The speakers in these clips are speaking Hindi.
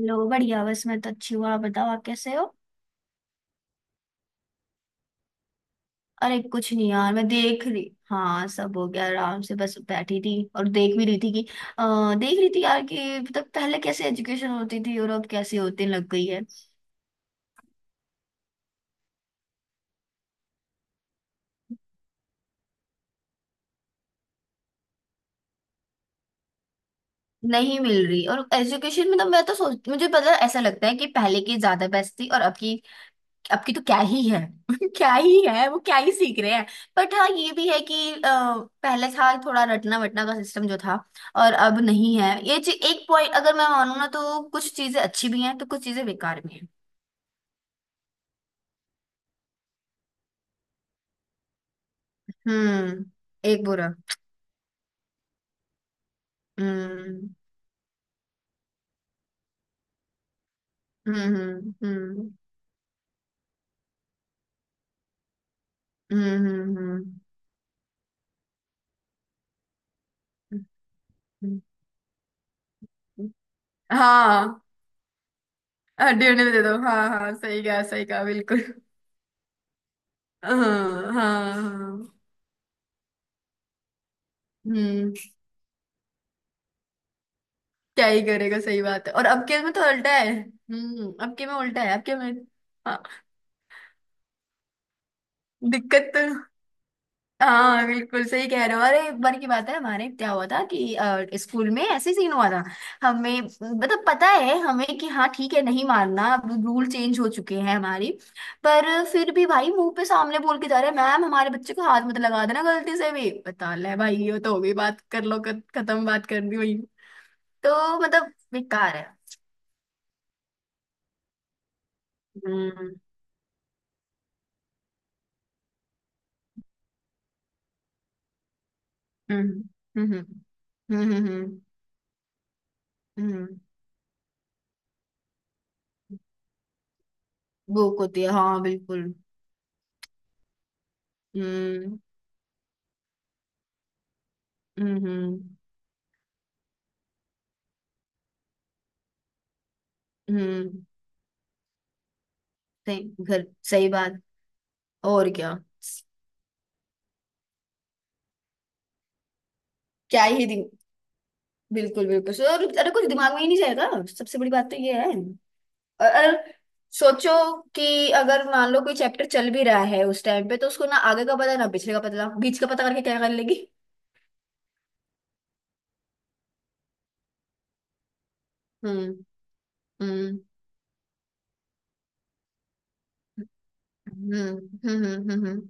लो बढ़िया। बस मैं तो अच्छी हूँ, आप बताओ आप कैसे हो। अरे कुछ नहीं यार, मैं देख रही। हाँ सब हो गया आराम से, बस बैठी थी और देख भी रही थी कि देख रही थी यार कि मतलब पहले कैसे एजुकेशन होती थी और अब कैसे होती लग गई है। नहीं मिल रही, और एजुकेशन मतलब मैं तो सोच मुझे पता ऐसा लगता है कि पहले की ज्यादा बेस्ट थी और अब की। अब की तो क्या ही है। क्या ही है, वो क्या ही सीख रहे हैं। बट हाँ ये भी है कि पहले था थोड़ा रटना वटना का सिस्टम जो था, और अब नहीं है ये चीज। एक पॉइंट अगर मैं मानूँ ना, तो कुछ चीजें अच्छी भी हैं तो कुछ चीजें बेकार भी हैं। हम्म। एक बुरा। हम्म हम्म। हम्म। हम्म, हम्म, हम्म। हाँ। हड्डी उन्हें दे दो, हाँ हाँ, सही कहा सही कहा, बिल्कुल। हाँ हाँ हाँ, हम्म। क्या ही करेगा, सही बात है। और अब के में तो उल्टा है। हम्म, अब के में उल्टा है, अब के में। हाँ। दिक्कत तो। हाँ बिल्कुल सही कह रहे हो। अरे एक बार की बात है, हमारे क्या हुआ था कि स्कूल में ऐसे ही सीन हुआ था। हमें मतलब पता है हमें कि हाँ ठीक है नहीं मारना, अब रूल चेंज हो चुके हैं हमारी। पर फिर भी भाई मुंह पे सामने बोल के जा रहे हैं, मैम हमारे बच्चे को हाथ मत लगा देना गलती से भी। बता ले भाई, ये तो हो गई बात। कर लो खत्म, बात कर दी वही। तो मतलब बेकार है। हम्म हम्म हम्म। हम्म हम्म हम्म, हम्म, हम्म। भूख होती है, हाँ बिल्कुल। हम्म हम्म हम्म हम्म, सही घर सही बात। और क्या। क्या ही दिन। बिल्कुल बिल्कुल और अरे कुछ दिमाग में ही नहीं जाएगा, सबसे बड़ी बात तो ये है। और और। सोचो कि अगर मान लो कोई चैप्टर चल भी रहा है उस टाइम पे, तो उसको ना आगे का पता ना पिछले का पता बीच का पता, करके क्या कर लेगी। हम्म हम्म हम्म हम्म।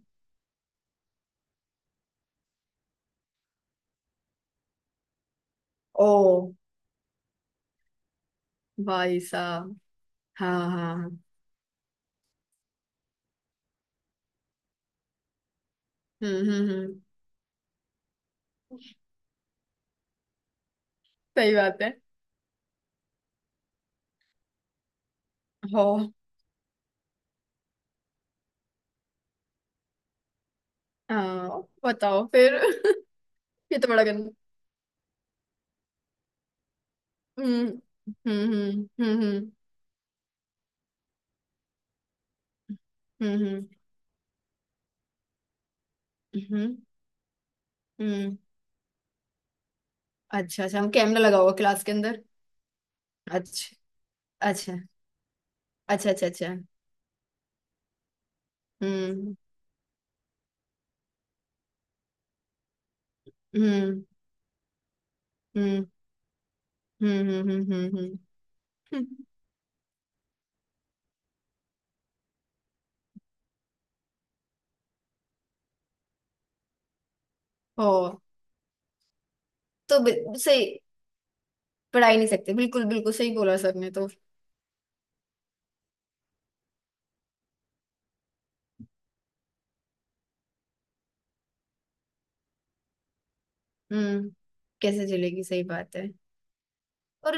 ओ। भाई साहब। हाँ हाँ हाँ। हम्म हम्म हम्म, सही बात है। हो। हाँ बताओ फिर। ये तो बड़ा गंदा। हम्म हम्म। हम्म हम्म हम्म, हम्म। हम्म। अच्छा अच्छा, हम कैमरा लगा हुआ क्लास के अंदर। अच्छा अच्छा अच्छा। अच्छा। अच्छा। हम्म हम्म हम्म हम्म। हम्म। हो। सही। पढ़ा ही नहीं सकते, बिल्कुल बिल्कुल सही बोला सर ने तो। हम्म। कैसे चलेगी, सही बात है। और।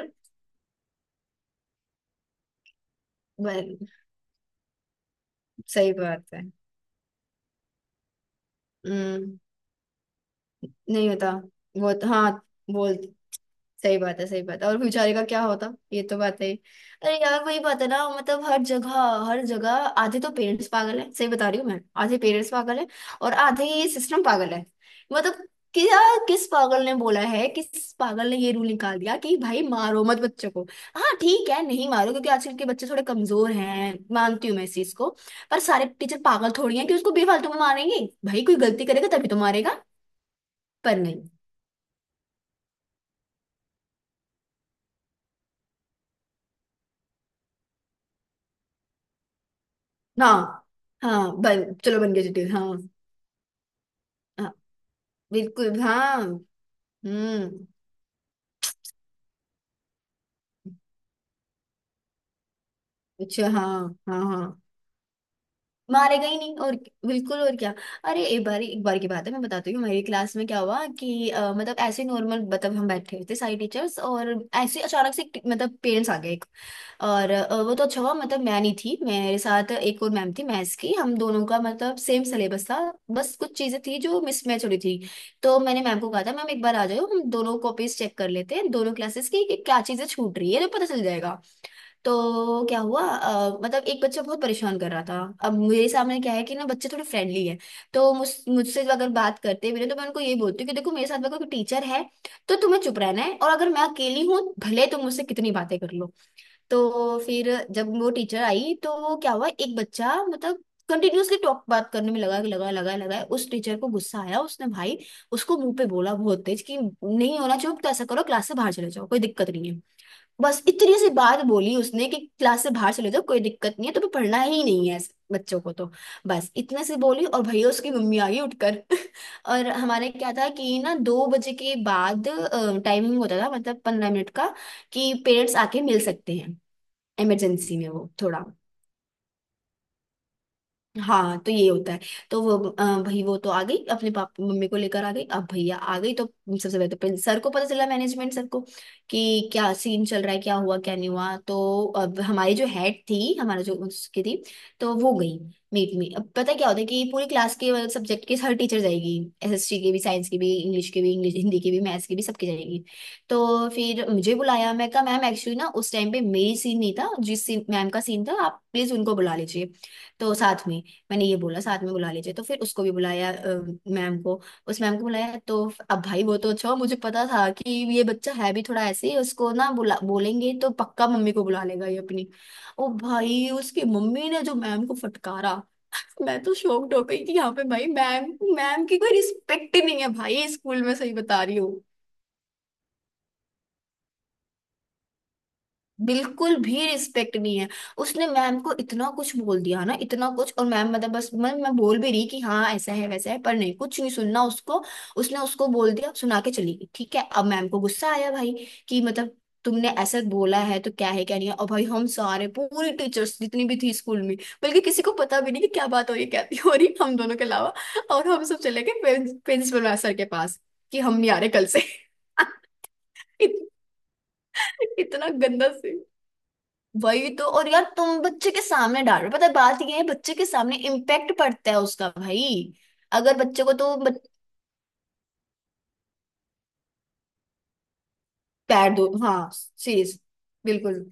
बल- सही बात है। हम्म। नहीं होता। हाँ। बोल। सही बात है, सही बात है। और बेचारे का क्या होता। ये तो बात है ही। अरे यार वही बात है ना, मतलब हर जगह। हर जगह। आधे तो पेरेंट्स पागल है, सही बता रही हूँ मैं, आधे पेरेंट्स पागल है। और आधे ये सिस्टम पागल है। मतलब क्या। किस पागल ने बोला है, किस पागल ने ये रूल निकाल दिया कि भाई मारो मत बच्चों को। हाँ ठीक है नहीं मारो, क्योंकि आजकल के बच्चे थोड़े कमजोर हैं, मानती हूँ मैं इस चीज को। पर सारे टीचर पागल थोड़ी हैं कि उसको बेफालतू में मारेंगे। भाई कोई गलती करेगा तभी तो मारेगा। पर नहीं। हाँ। हाँ बन, चलो बन गया जटिल, हाँ। हाँ बिल्कुल हाँ। हम्म। अच्छा हाँ। हाँ हाँ। मारेगा ही नहीं, और। बिल्कुल, और क्या। अरे एक बार की बात है, मैं बताती हूँ हमारी क्लास में क्या हुआ। कि मतलब ऐसे नॉर्मल, मतलब हम बैठे थे सारी टीचर्स और ऐसे अचानक से मतलब पेरेंट्स आ गए एक। और वो तो अच्छा हुआ, मतलब मैं नहीं थी, मेरे साथ एक और मैम थी मैथ्स की, हम दोनों का मतलब सेम सिलेबस था। बस कुछ चीजें थी जो मिसमैच हो रही थी। तो मैंने मैम को कहा था मैम एक बार आ जाओ, हम दोनों कॉपीज चेक कर लेते हैं दोनों क्लासेस की, कि क्या चीजें छूट रही है तो पता चल जाएगा। तो क्या हुआ, मतलब एक बच्चा बहुत परेशान कर रहा था। अब मेरे सामने क्या है कि ना बच्चे थोड़े फ्रेंडली है। तो मुझसे अगर बात करते भी ना, तो मैं उनको ये बोलती हूँ कि देखो मेरे साथ में कोई टीचर है तो तुम्हें चुप रहना है, और अगर मैं अकेली हूँ भले तुम मुझसे कितनी बातें कर लो। तो फिर जब वो टीचर आई तो क्या हुआ, एक बच्चा मतलब कंटिन्यूअसली टॉक बात करने में लगा लगा लगा लगा, उस टीचर को गुस्सा आया। उसने भाई उसको मुंह पे बोला, बहुत तेज कि नहीं होना चाहिए, तो ऐसा करो क्लास से बाहर चले जाओ कोई दिक्कत नहीं है। बस इतनी सी बात बोली उसने कि क्लास से बाहर चले जाओ कोई दिक्कत नहीं है, तुम्हें पढ़ना ही नहीं है इस बच्चों को तो। बस इतने से बोली, और भैया उसकी मम्मी आ गई उठकर। और हमारे क्या था कि ना दो बजे के बाद टाइमिंग होता था, मतलब पंद्रह मिनट का, कि पेरेंट्स आके मिल सकते हैं इमरजेंसी में, वो थोड़ा। हाँ तो ये होता है। तो वो भाई वो तो आ गई, अपने पापा मम्मी को लेकर आ गई। अब भैया आ गई तो सबसे पहले तो पहले सर को पता चला, मैनेजमेंट सर को, कि क्या सीन चल रहा है, क्या हुआ क्या नहीं हुआ। तो अब हमारी जो हेड थी, हमारा जो उसकी थी, तो वो गई मीट में। अब पता है क्या होता है कि पूरी क्लास के मतलब सब्जेक्ट के हर टीचर जाएगी। एसएसटी के भी, साइंस के भी, इंग्लिश के भी, इंग्लिश हिंदी के भी, मैथ्स के भी, सबके जाएगी। तो फिर मुझे बुलाया, मैं कहा मैम एक्चुअली ना उस टाइम पे मेरी सीन नहीं था, जिस सीन मैम का सीन था, आप प्लीज उनको बुला लीजिए, तो साथ में। मैंने ये बोला साथ में बुला लीजिए, तो फिर उसको भी बुलाया मैम को। उस मैम को बुलाया, तो अब भाई वो तो अच्छा हुआ, मुझे पता था कि ये बच्चा है भी थोड़ा ऐसे ही, उसको ना बुला बोलेंगे तो पक्का मम्मी को बुला लेगा ये अपनी। ओ भाई उसकी मम्मी ने जो मैम को फटकारा, मैं तो शॉक्ड हो गई कि यहाँ पे भाई मैम, मैम की कोई रिस्पेक्ट ही नहीं है भाई स्कूल में, सही बता रही हूँ। बिल्कुल भी रिस्पेक्ट नहीं है। उसने मैम को इतना कुछ बोल दिया ना, इतना कुछ, और मैम मतलब बस मैं बोल भी रही कि हाँ ऐसा है वैसा है, पर नहीं कुछ नहीं सुनना उसको। उसने उसको बोल दिया सुना के चली गई। ठीक है अब मैम को गुस्सा आया भाई, कि मतलब तुमने ऐसा बोला है तो क्या है क्या नहीं है। और भाई हम सारे पूरी टीचर्स जितनी भी थी स्कूल में, बल्कि किसी को पता भी नहीं कि क्या बात हो रही है, क्या नहीं हो रही, हम दोनों के अलावा। और हम सब चले गए प्रिंसिपल सर के पास, कि हम नहीं आ रहे कल से। इत, इतना गंदा। वही तो, और यार तुम बच्चे के सामने डाल रहे हो, पता है बात ये है बच्चे के सामने इम्पैक्ट पड़ता है उसका भाई। अगर बच्चे को तो पैर दो, हाँ सीरियस। बिल्कुल।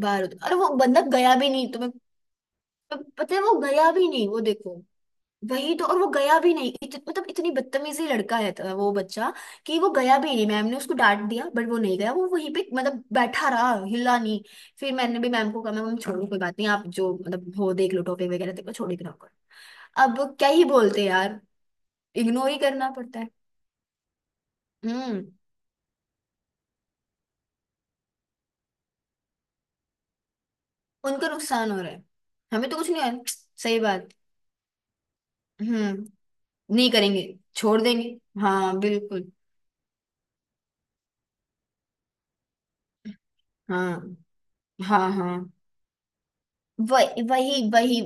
बाहर होता, अरे वो बंदा गया भी नहीं तुम्हें। पता है वो गया भी नहीं, वो देखो। वही तो, और वो गया भी नहीं, मतलब इतनी बदतमीजी लड़का है तो वो बच्चा, कि वो गया भी नहीं। मैम ने उसको डांट दिया बट वो नहीं गया, वो वहीं पे मतलब बैठा रहा, हिला नहीं। फिर मैंने भी मैम को कहा मैम छोड़ो कोई बात नहीं, आप जो मतलब हो देख लो टॉपिक वगैरह, देखो छोड़ ही तो रहा। अब क्या ही बोलते यार। इग्नोर ही करना पड़ता है। हम्म। उनको नुकसान हो रहा है। हमें तो कुछ नहीं हो रहा। सही बात। हम्म। नहीं करेंगे। छोड़ देंगे। हाँ बिल्कुल। हाँ हाँ हाँ। वही वही वही।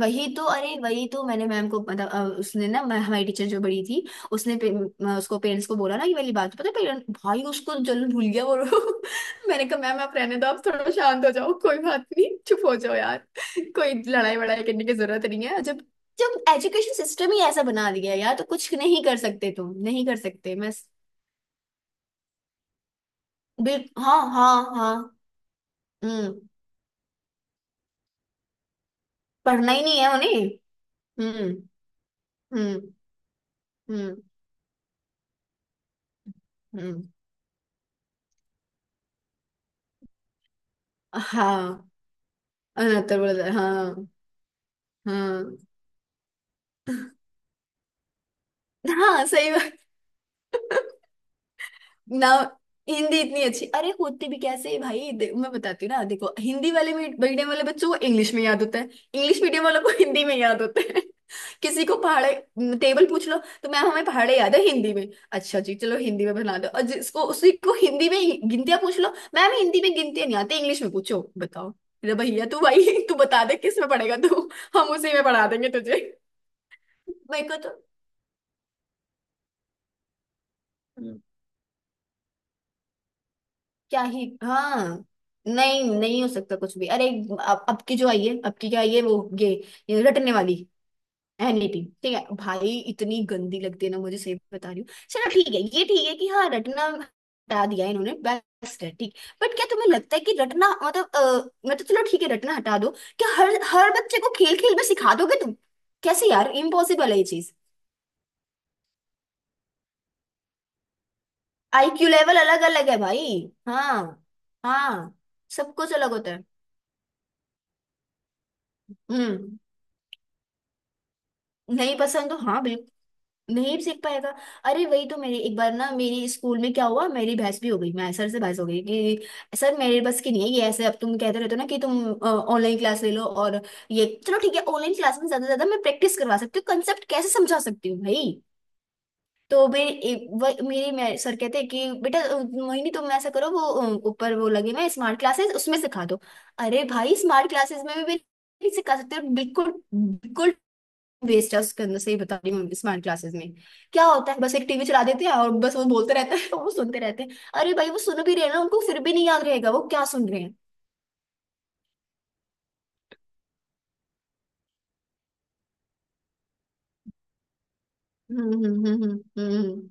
वही तो, अरे वही तो मैंने मैम को पता, उसने ना हमारी टीचर जो बड़ी थी, उसने उसको पेरेंट्स को बोला ना ये वाली बात, पता पेरेंट भाई उसको जलन भूल गया वो। मैंने कहा मैम आप रहने दो, आप थोड़ा शांत हो जाओ, कोई बात नहीं चुप हो जाओ यार, कोई लड़ाई वड़ाई करने की जरूरत नहीं है। जब जब एजुकेशन सिस्टम ही ऐसा बना दिया है यार, तो कुछ नहीं कर सकते, तुम नहीं कर सकते मैं। बिल, हाँ हाँ हाँ। हम्म। पढ़ना ही नहीं है उन्हें। हम्म हम्म हम्म हम्म। हाँ। अनहत्तर बोला था, हाँ। हम्म। हाँ सही बात। ना। हिंदी इतनी अच्छी, अरे होती भी कैसे है भाई, मैं बताती हूँ ना। देखो हिंदी वाले मीडियम वाले बच्चों को इंग्लिश में याद होता है, इंग्लिश मीडियम वालों को हिंदी में याद होता है। किसी को पहाड़े टेबल पूछ लो, तो मैम हमें पहाड़े याद है हिंदी में। अच्छा जी चलो हिंदी में बना दो, और जिसको उसी को हिंदी में गिनतियां पूछ लो, मैम हिंदी में गिनतियां नहीं आती इंग्लिश में पूछो बताओ। अरे भैया तू, भाई तू बता दे किस में पढ़ेगा तू, हम उसी में पढ़ा देंगे तुझे। मेरे को तो। क्या ही हाँ। नहीं नहीं हो सकता कुछ भी। अरे अब की जो आई है, अब की क्या आई है वो ये रटने वाली एनीटी, ठीक है भाई इतनी गंदी लगती है ना मुझे, सही बता रही हूँ। चलो ठीक है ये ठीक है कि हाँ रटना हटा दिया इन्होंने, बेस्ट है ठीक। बट क्या तुम्हें लगता है कि रटना मतलब मतलब चलो ठीक है रटना हटा दो, क्या हर हर बच्चे को खेल खेल में सिखा दोगे तुम। कैसे यार, इम्पॉसिबल है ये चीज। आईक्यू लेवल अलग अलग है भाई। हाँ। हाँ। सब कुछ अलग होता है। हम्म। नहीं पसंद तो हाँ बिल्कुल। नहीं सीख पाएगा। अरे वही तो, मेरी एक बार ना मेरी स्कूल में क्या हुआ, मेरी बहस भी हो गई, मैं सर से बहस हो गई कि सर मेरे बस की नहीं है ये ऐसे, अब तुम कहते रहते हो ना कि तुम ऑनलाइन क्लास ले लो। और ये चलो ठीक है ऑनलाइन क्लास में ज्यादा से ज्यादा मैं प्रैक्टिस करवा सकती हूँ, कंसेप्ट कैसे समझा सकती हूँ भाई। तो मेरे मेरे सर कहते हैं कि बेटा मोहिनी तुम ऐसा करो वो ऊपर वो लगे मैं स्मार्ट क्लासेस उसमें सिखा दो। अरे भाई स्मार्ट क्लासेस में भी नहीं सिखा सकते, बिल्कुल बिल्कुल। वेस्ट करने से ही, बता रही हूँ स्मार्ट क्लासेस में क्या होता है, बस एक टीवी चला देते हैं और बस वो बोलते रहते हैं वो सुनते रहते हैं। अरे भाई वो सुन भी रहे हैं ना, उनको फिर भी नहीं याद रहेगा वो क्या सुन रहे हैं। हम्म। हम्म। हम्म।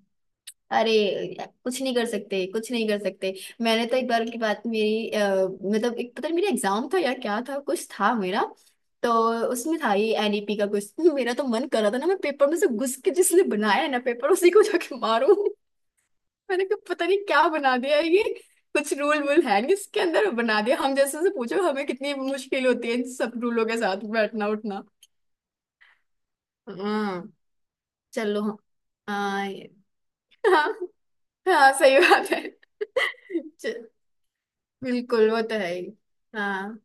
अरे कुछ नहीं कर सकते, कुछ नहीं कर सकते। मैंने तो एक बार की बात, मेरी मतलब एक पता नहीं मेरा एग्जाम था या क्या था कुछ था मेरा, तो उसमें था ये एनईपी का कुछ। मेरा तो मन कर रहा था ना, मैं पेपर में से घुस के जिसने बनाया है ना पेपर उसी को जाके मारूं। मैंने कहा पता नहीं क्या बना दिया है ये, कुछ रूल वूल है नहीं इसके अंदर बना दिया। हम जैसे से पूछो हमें कितनी मुश्किल होती है इन सब रूलों के साथ बैठना उठना। हाँ। चलो। हाँ ये-। हाँ हाँ सही बात है। च- बिल्कुल वो तो है ही। हाँ।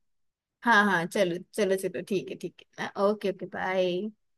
हाँ हाँ चलो चलो चलो, ठीक है ठीक है, ओके ओके, बाय।